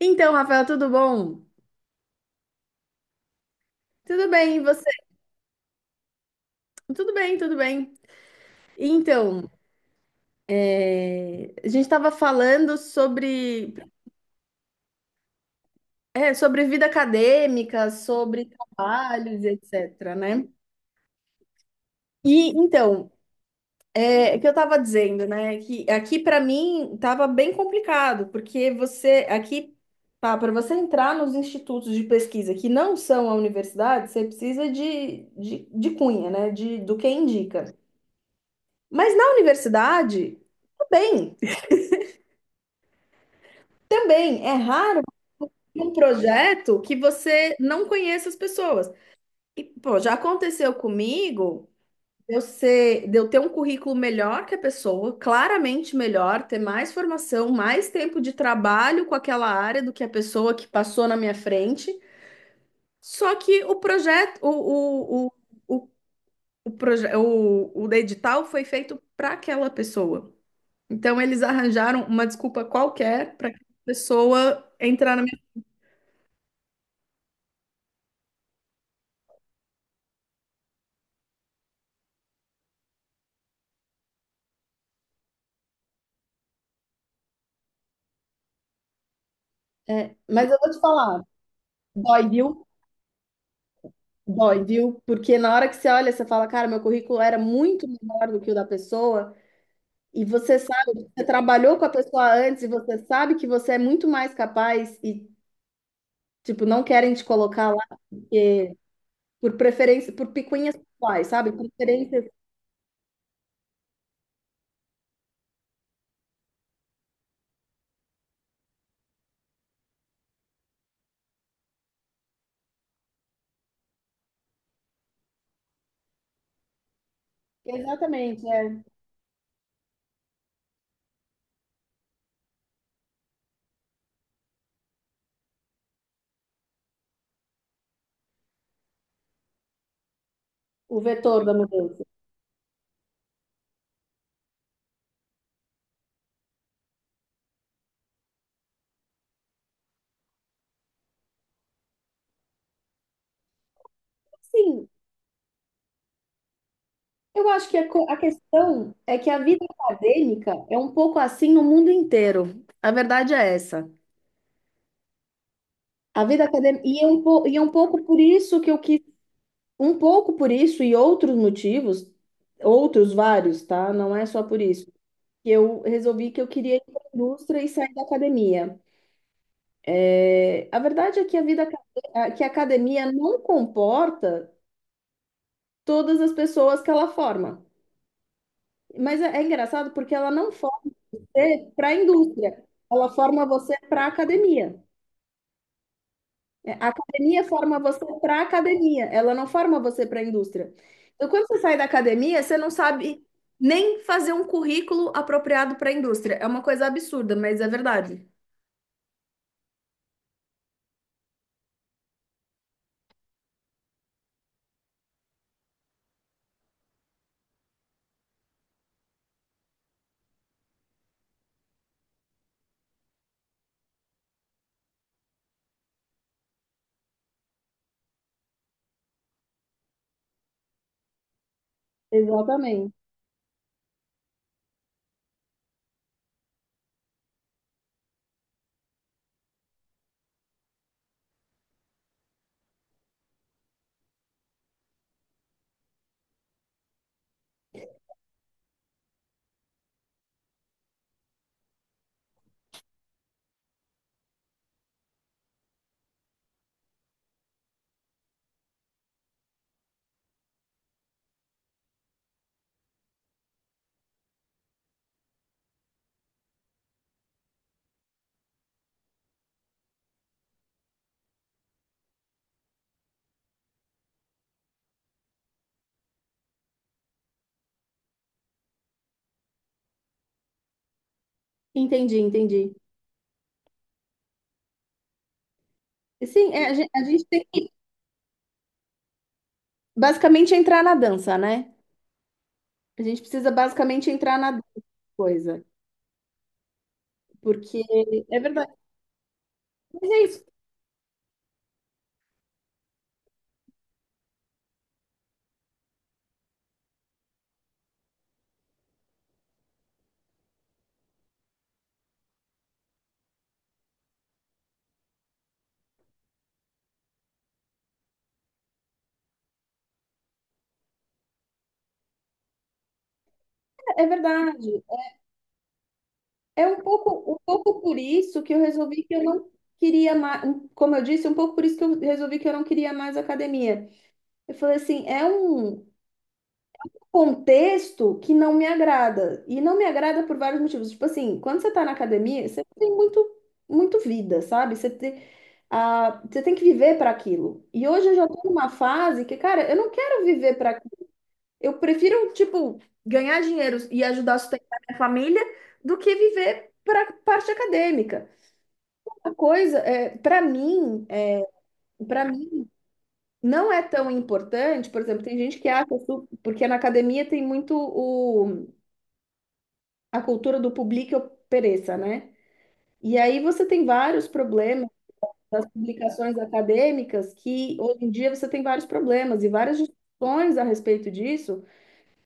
Então, Rafael, tudo bom? Tudo bem, e você? Tudo bem, tudo bem. Então, a gente estava falando sobre, sobre vida acadêmica, sobre trabalhos, etc, né? E então, o que eu estava dizendo, né? Que aqui para mim estava bem complicado, porque você aqui para você entrar nos institutos de pesquisa que não são a universidade, você precisa de cunha, né? De, do que indica. Mas na universidade, tudo bem. Também é raro um projeto que você não conheça as pessoas. E, pô, já aconteceu comigo de eu ter um currículo melhor que a pessoa, claramente melhor, ter mais formação, mais tempo de trabalho com aquela área do que a pessoa que passou na minha frente. Só que o projeto, o, o, proje- o edital foi feito para aquela pessoa. Então, eles arranjaram uma desculpa qualquer para a pessoa entrar. É, mas eu vou te falar, dói, viu? Dói, viu? Porque na hora que você olha, você fala, cara, meu currículo era muito melhor do que o da pessoa, e você sabe, você trabalhou com a pessoa antes, e você sabe que você é muito mais capaz, e, tipo, não querem te colocar lá por preferência, por picuinhas pessoais, sabe? Preferências. Exatamente, é o vetor da mudança. Sim, eu acho que a questão é que a vida acadêmica é um pouco assim no mundo inteiro. A verdade é essa. A vida acadêmica, e e é um pouco por isso que eu quis, um pouco por isso e outros motivos, outros vários, tá? Não é só por isso, que eu resolvi que eu queria ir para a indústria e sair da academia. É, a verdade é que a vida, aca- a- que a academia não comporta todas as pessoas que ela forma. Mas é, é engraçado porque ela não forma você para a indústria, ela forma você para a academia. É, a academia forma você para a academia, ela não forma você para a indústria. Então, quando você sai da academia, você não sabe nem fazer um currículo apropriado para a indústria. É uma coisa absurda, mas é verdade. Exatamente. Entendi, entendi. Sim, é, a gente tem que basicamente entrar na dança, né? A gente precisa basicamente entrar na dança, coisa. Porque é verdade. Mas é isso, é verdade. É um pouco por isso que eu resolvi que eu não queria mais, como eu disse, um pouco por isso que eu resolvi que eu não queria mais academia. Eu falei assim, é um contexto que não me agrada. E não me agrada por vários motivos. Tipo assim, quando você tá na academia, você tem muito, muito vida, sabe? Você tem, ah, você tem que viver para aquilo. E hoje eu já tô numa fase que, cara, eu não quero viver para aquilo. Eu prefiro, tipo, ganhar dinheiro e ajudar a sustentar minha família do que viver para parte acadêmica. Uma coisa, é, para mim não é tão importante, por exemplo, tem gente que acha, porque na academia tem muito o, a cultura do publique ou pereça, né? E aí você tem vários problemas das publicações acadêmicas, que hoje em dia você tem vários problemas e várias discussões a respeito disso.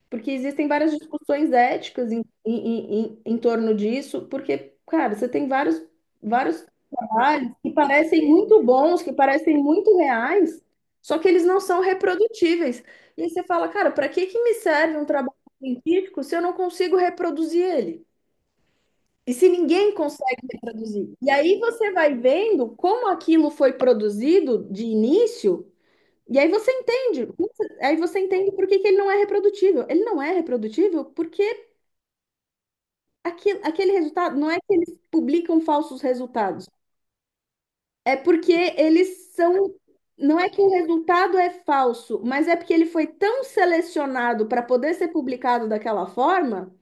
Porque existem várias discussões éticas em torno disso, porque, cara, você tem vários, vários trabalhos que parecem muito bons, que parecem muito reais, só que eles não são reprodutíveis. E aí você fala, cara, para que que me serve um trabalho científico se eu não consigo reproduzir ele? E se ninguém consegue reproduzir? E aí você vai vendo como aquilo foi produzido de início. E aí você entende por que que ele não é reprodutível. Ele não é reprodutível porque aquele, aquele resultado, não é que eles publicam falsos resultados, é porque eles são, não é que o resultado é falso, mas é porque ele foi tão selecionado para poder ser publicado daquela forma,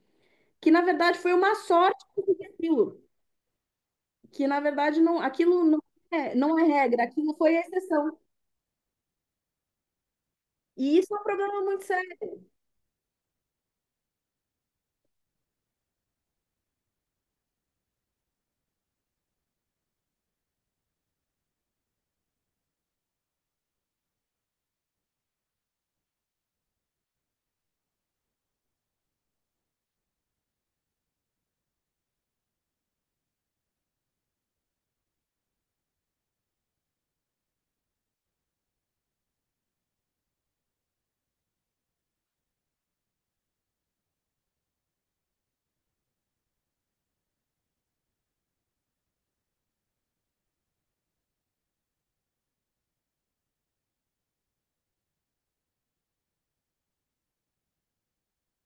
que na verdade foi uma sorte conseguir aquilo, que na verdade não, aquilo não é, não é regra, aquilo foi exceção. E isso é um problema muito sério.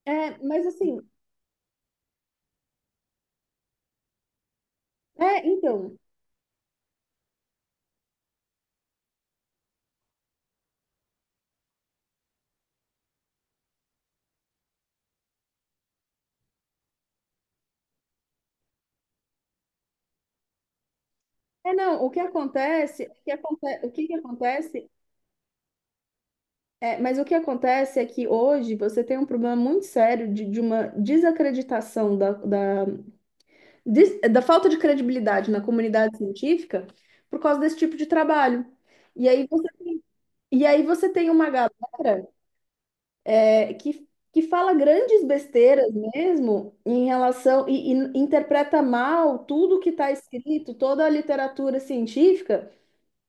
É, mas assim, é, então. É, não, o que acontece, o que aconte- o que que acontece, é, mas o que acontece é que hoje você tem um problema muito sério de uma desacreditação da falta de credibilidade na comunidade científica por causa desse tipo de trabalho. E aí você, e aí você tem uma galera, é, que fala grandes besteiras mesmo em relação, e interpreta mal tudo que está escrito, toda a literatura científica.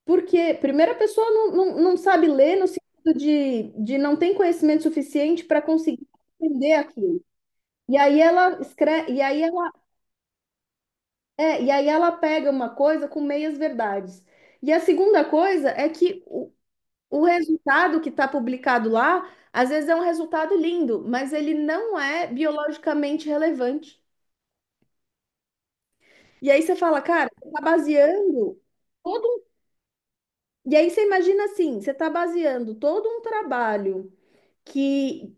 Porque, primeiro, a pessoa não sabe ler no sentido de não tem conhecimento suficiente para conseguir entender aquilo. E aí ela escreve, e aí ela pega uma coisa com meias verdades. E a segunda coisa é que o resultado que está publicado lá, às vezes é um resultado lindo, mas ele não é biologicamente relevante. E aí você fala, cara, você está baseando todo um... E aí você imagina assim, você está baseando todo um trabalho que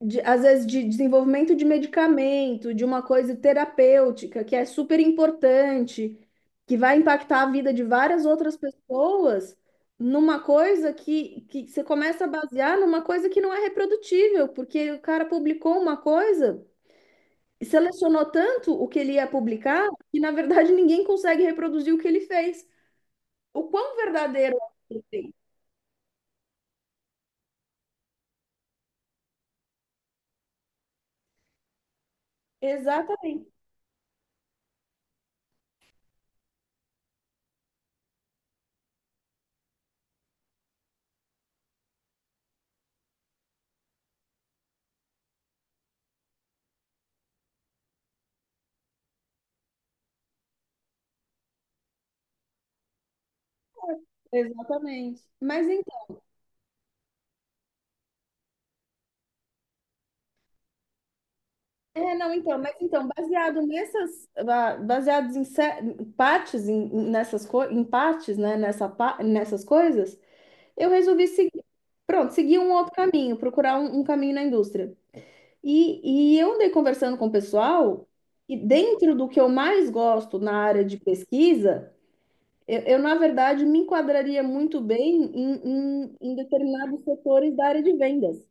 às vezes de desenvolvimento de medicamento, de uma coisa terapêutica que é super importante, que vai impactar a vida de várias outras pessoas, numa coisa que você começa a basear numa coisa que não é reprodutível, porque o cara publicou uma coisa e selecionou tanto o que ele ia publicar que, na verdade, ninguém consegue reproduzir o que ele fez. O quão verdadeiro é o que ele fez? Exatamente, exatamente. Mas é, não, então, mas então, baseados em ce- em partes, em, em- nessas co- em partes, né, nessa, pa- nessas coisas, eu resolvi seguir, pronto, seguir um outro caminho, procurar um, um caminho na indústria. E eu andei conversando com o pessoal, e dentro do que eu mais gosto na área de pesquisa, na verdade, me enquadraria muito bem em determinados setores da área de vendas.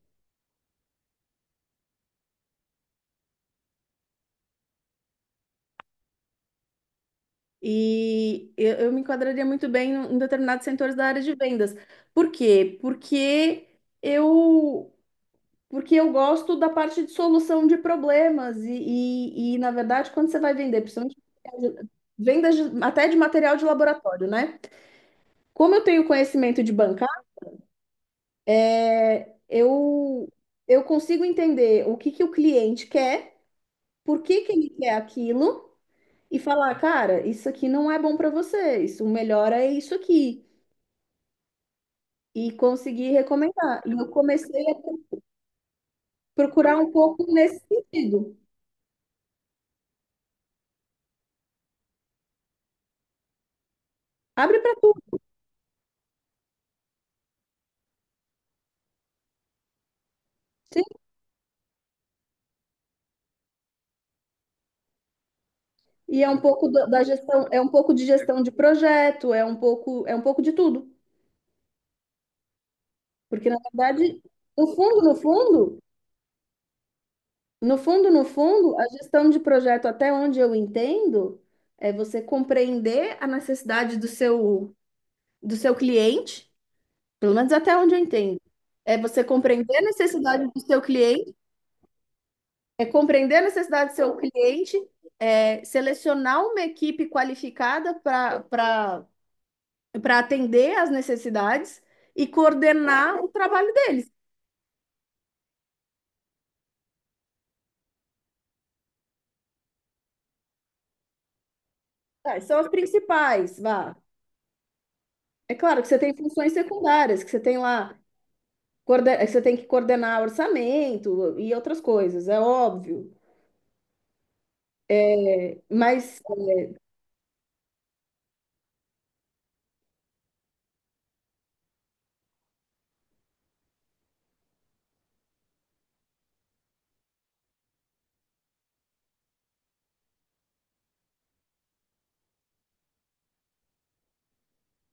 E eu me enquadraria muito bem em em determinados setores da área de vendas. Por quê? Eu, porque eu gosto da parte de solução de problemas. Na verdade, quando você vai vender, principalmente até de material de laboratório, né? Como eu tenho conhecimento de bancar, eu, eu consigo entender o que que o cliente quer, por que que ele quer aquilo, e falar, cara, isso aqui não é bom para você, isso, o melhor é isso aqui. E consegui recomendar. E eu comecei a procurar um pouco nesse sentido. Abre para tudo. Sim. E é um pouco da da gestão, é um pouco de gestão de projeto, é um pouco de tudo. Porque na verdade, no fundo, no fundo, no fundo, no fundo, a gestão de projeto, até onde eu entendo, é você compreender a necessidade do seu cliente, pelo menos até onde eu entendo. É você compreender a necessidade do seu cliente. É compreender a necessidade do seu cliente, é, selecionar uma equipe qualificada para para atender às necessidades e coordenar o trabalho deles. Tá, são as principais, vá. É claro que você tem funções secundárias, que você tem lá, que você tem que coordenar orçamento e outras coisas, é óbvio. É, mas,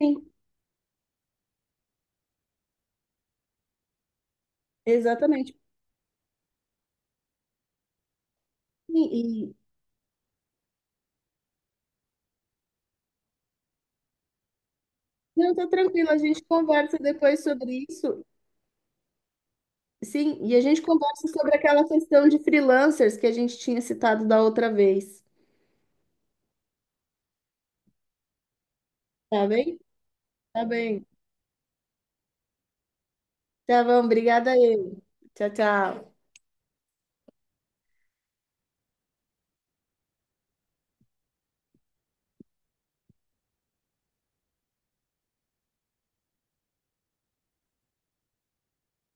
sim, exatamente. Sim, e não, tá tranquilo, a gente conversa depois sobre isso. Sim, e a gente conversa sobre aquela questão de freelancers que a gente tinha citado da outra vez. Tá bem? Tá bem. Tá bom, obrigada aí. Tchau, tchau.